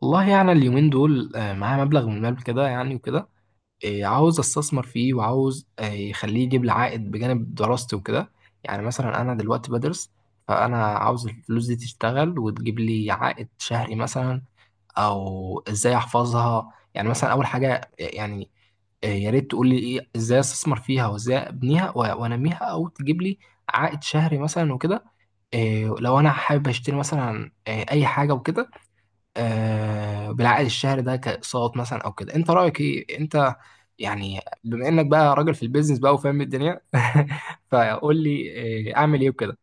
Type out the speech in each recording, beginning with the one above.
والله يعني اليومين دول معايا مبلغ من المال كده يعني وكده. عاوز استثمر فيه، وعاوز يخليه يجيب لي عائد بجانب دراستي وكده. يعني مثلا انا دلوقتي بدرس، فانا عاوز الفلوس دي تشتغل وتجيب لي عائد شهري مثلا، او ازاي احفظها. يعني مثلا اول حاجة يعني يا ريت تقول لي ايه ازاي استثمر فيها وازاي ابنيها وانميها او تجيب لي عائد شهري مثلا وكده. لو انا حابب اشتري مثلا اي حاجة وكده، بالعائد الشهري ده كاقساط مثلا او كده، انت رايك ايه؟ انت يعني بما انك بقى راجل في البيزنس بقى وفاهم الدنيا فقول لي اعمل ايه وكده.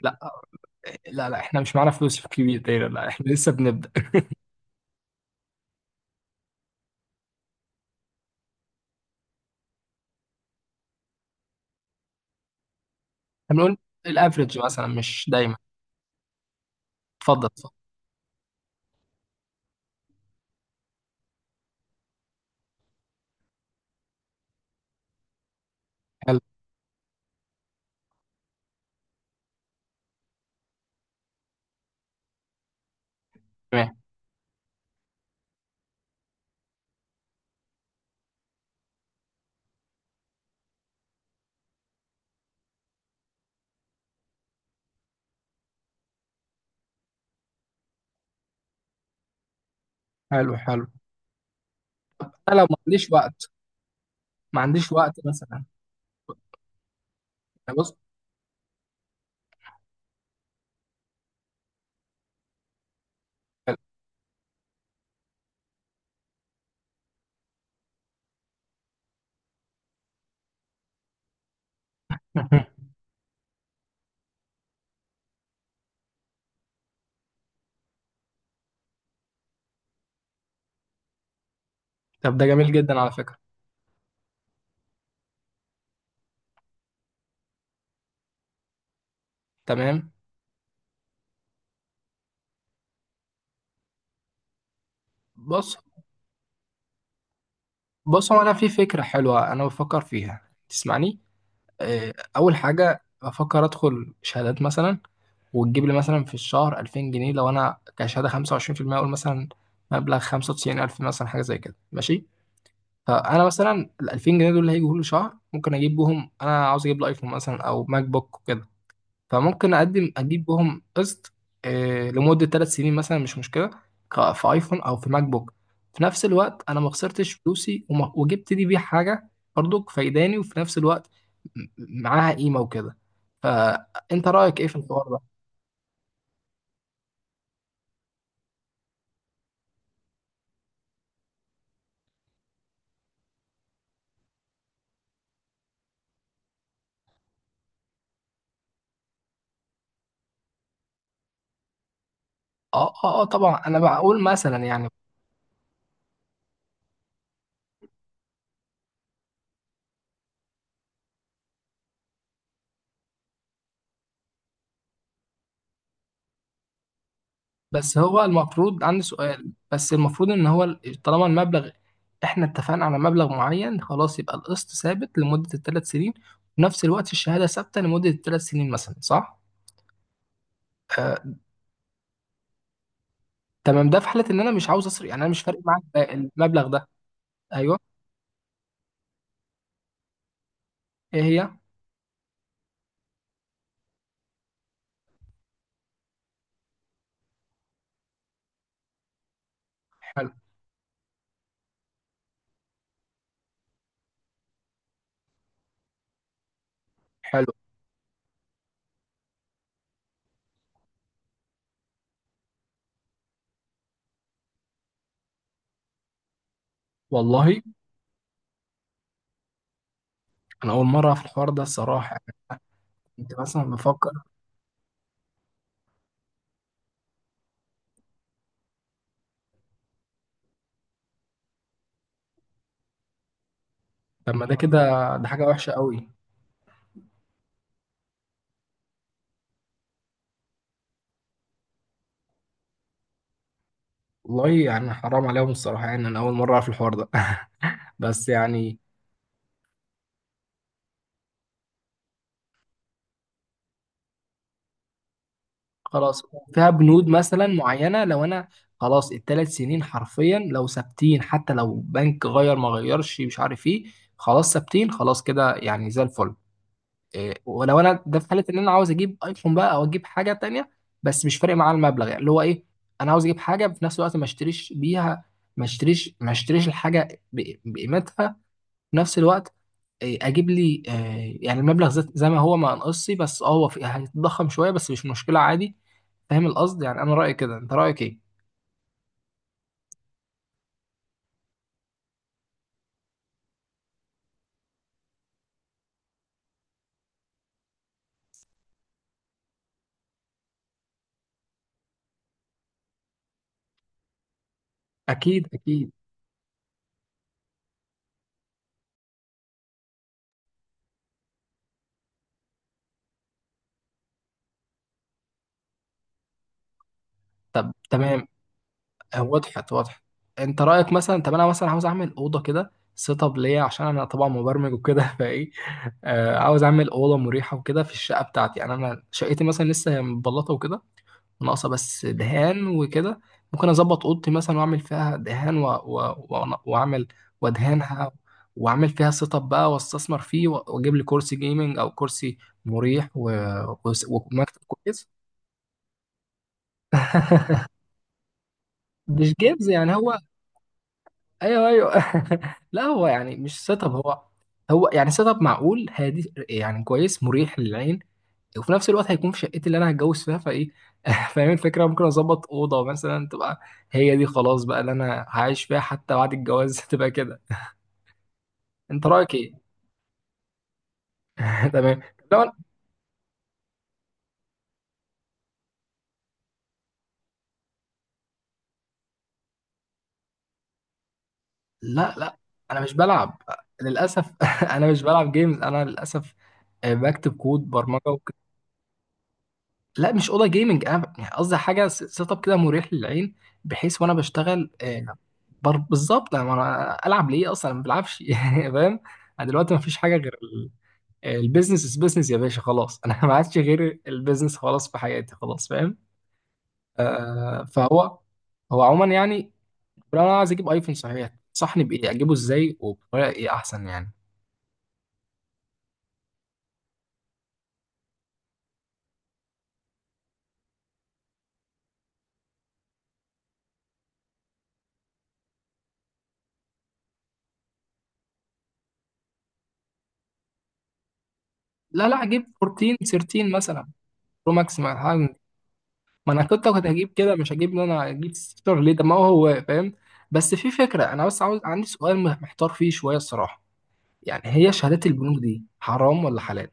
لا لا لا، احنا مش معانا فلوس في كبير دايما، لا احنا لسه بنبدا. هنقول الافريج مثلا مش دايما. اتفضل اتفضل. حلو. تمام. حلو حلو. انا لو ما عنديش وقت مثلا يعني. بص. حلو. طب ده جميل جدا على فكره. تمام. بص بص، هو انا في فكره حلوه انا بفكر فيها، تسمعني؟ اول حاجه بفكر ادخل شهادات مثلا، وتجيب لي مثلا في الشهر 2000 جنيه. لو انا كشهاده 25%، اقول مثلا مبلغ 95,000 مثلا حاجه زي كده ماشي. فانا مثلا ال 2000 جنيه دول اللي هيجوا كل شهر ممكن اجيب بهم، انا عاوز اجيب لي ايفون مثلا او ماك بوك. فممكن اقدم اجيب بهم قسط لمده 3 سنين مثلا، مش مشكله في ايفون او في ماك بوك. في نفس الوقت انا ما خسرتش فلوسي وجبت لي بيه حاجه برضو فايداني، وفي نفس الوقت م- معاها قيمه وكده. فانت رايك ايه في الحوار ده؟ اه اه اه، طبعا انا بقول مثلا يعني. بس هو المفروض عندي سؤال، بس المفروض ان هو طالما المبلغ احنا اتفقنا على مبلغ معين خلاص، يبقى القسط ثابت لمدة ال 3 سنين، ونفس الوقت الشهادة ثابتة لمدة الثلاث سنين مثلا، صح؟ آه. تمام، ده في حالة ان انا مش عاوز اصرف، يعني انا مش فارق معايا المبلغ ده. ايوه. ايه هي؟ حلو حلو. والله انا اول مرة في الحوار ده الصراحة يعني، كنت مثلا بفكر. طب ما ده كده؟ ده حاجة وحشة قوي. والله يعني حرام عليهم الصراحة، يعني انا اول مرة في الحوار ده. بس يعني خلاص، فيها بنود مثلا معينه، لو انا خلاص ال 3 سنين حرفيا لو ثابتين، حتى لو بنك غير ما غيرش مش عارف ايه، خلاص ثابتين، خلاص كده يعني زي الفل. إيه، ولو انا ده في حاله ان انا عاوز اجيب ايفون بقى او اجيب حاجه تانية، بس مش فارق معايا المبلغ يعني، اللي هو ايه، انا عاوز اجيب حاجه في نفس الوقت ما اشتريش بيها، ما اشتريش الحاجه بقيمتها في نفس الوقت. إيه، اجيب لي يعني المبلغ زي ما هو ما انقصي، بس هو هيتضخم شويه بس مش مشكله عادي. فاهم القصد؟ يعني انا رايي كده، انت رايك ايه؟ اكيد اكيد. طب تمام. وضحت وضحت. انت رايك مثلا، طب انا مثلا عاوز اعمل اوضه كده سيت اب ليا، عشان انا طبعا مبرمج وكده فايه. عاوز اعمل اوضه مريحه وكده في الشقه بتاعتي، يعني انا شقتي مثلا لسه هي متبلطه وكده، ناقصة بس دهان وكده. ممكن أظبط أوضتي مثلا وأعمل فيها دهان وأعمل وأدهنها، وأعمل فيها سيت أب بقى وأستثمر فيه، وأجيب لي كرسي جيمنج أو كرسي مريح ومكتب كويس. مش جيبز يعني هو. ايوه ايوه. لا، هو يعني مش سيت اب، هو هو يعني سيت اب معقول هادي، يعني كويس مريح للعين، وفي نفس الوقت هيكون في شقتي اللي انا هتجوز فيها، فايه. فاهم الفكره، ممكن اظبط اوضه مثلا تبقى هي دي خلاص بقى اللي انا هعيش فيها حتى بعد الجواز تبقى كده. انت رايك ايه؟ تمام. لو أنا- لا لا، انا مش بلعب للاسف. انا مش بلعب جيمز انا للاسف. بكتب كود برمجه. لا مش اوضه جيمنج، انا يعني قصدي حاجه سيت اب كده مريح للعين، بحيث وانا بشتغل. بالظبط. انا العب ليه اصلا؟ أنا ما بلعبش. يعني فاهم. انا دلوقتي ما فيش حاجه غير البيزنس از بيزنس يا باشا، خلاص انا ما عادش غير البيزنس خلاص في حياتي، خلاص فاهم. فهو هو عموما يعني، لو انا عايز اجيب ايفون صحيح، تنصحني بايه؟ اجيبه ازاي وبطريقه ايه احسن يعني؟ لا لا، اجيب 14 13 مثلا، برو ماكس. ما انا كنت هجيب كده، مش هجيب ان انا اجيب ستيتر ليه، ده ما هو هو فاهم. بس في فكره، انا بس عاوز، عندي سؤال محتار فيه شويه الصراحه، يعني هي شهادات البنوك دي حرام ولا حلال؟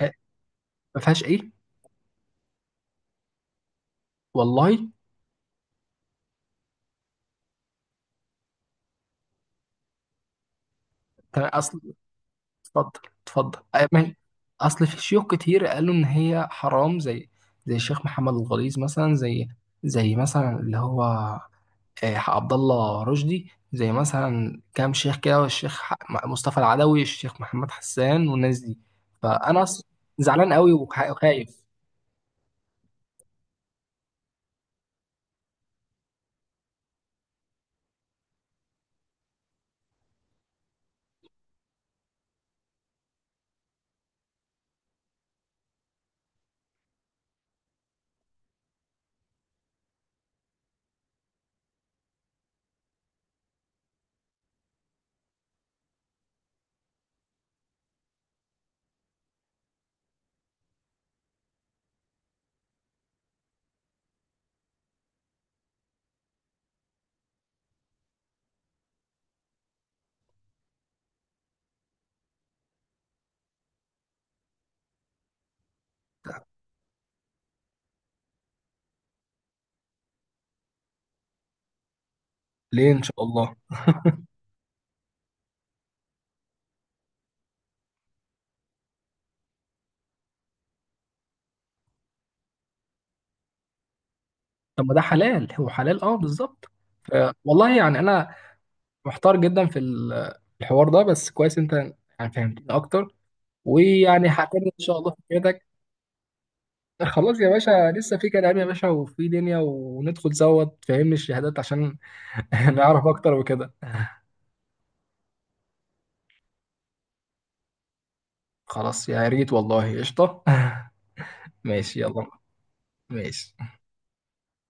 أه، ما فيهاش ايه؟ والله. تمام، اصل. اتفضل اتفضل، ماشي. اصل في شيوخ كتير قالوا ان هي حرام، زي الشيخ محمد الغليظ مثلا، زي مثلا اللي هو عبد الله رشدي، زي مثلا كام شيخ كده، والشيخ مصطفى العدوي، الشيخ محمد حسان والناس دي. فانا زعلان قوي وخايف. ليه ان شاء الله؟ طب ما ده حلال، هو حلال اه بالظبط. ف- والله يعني انا محتار جدا في الحوار ده، بس كويس انت يعني فهمتني اكتر، ويعني هعتمد ان شاء الله في فكرتك. خلاص يا باشا، لسه في كلام يا باشا وفي دنيا، وندخل سوا تفهمني الشهادات عشان نعرف اكتر وكده. خلاص، يا ريت والله، قشطة. ماشي يلا. ماشي.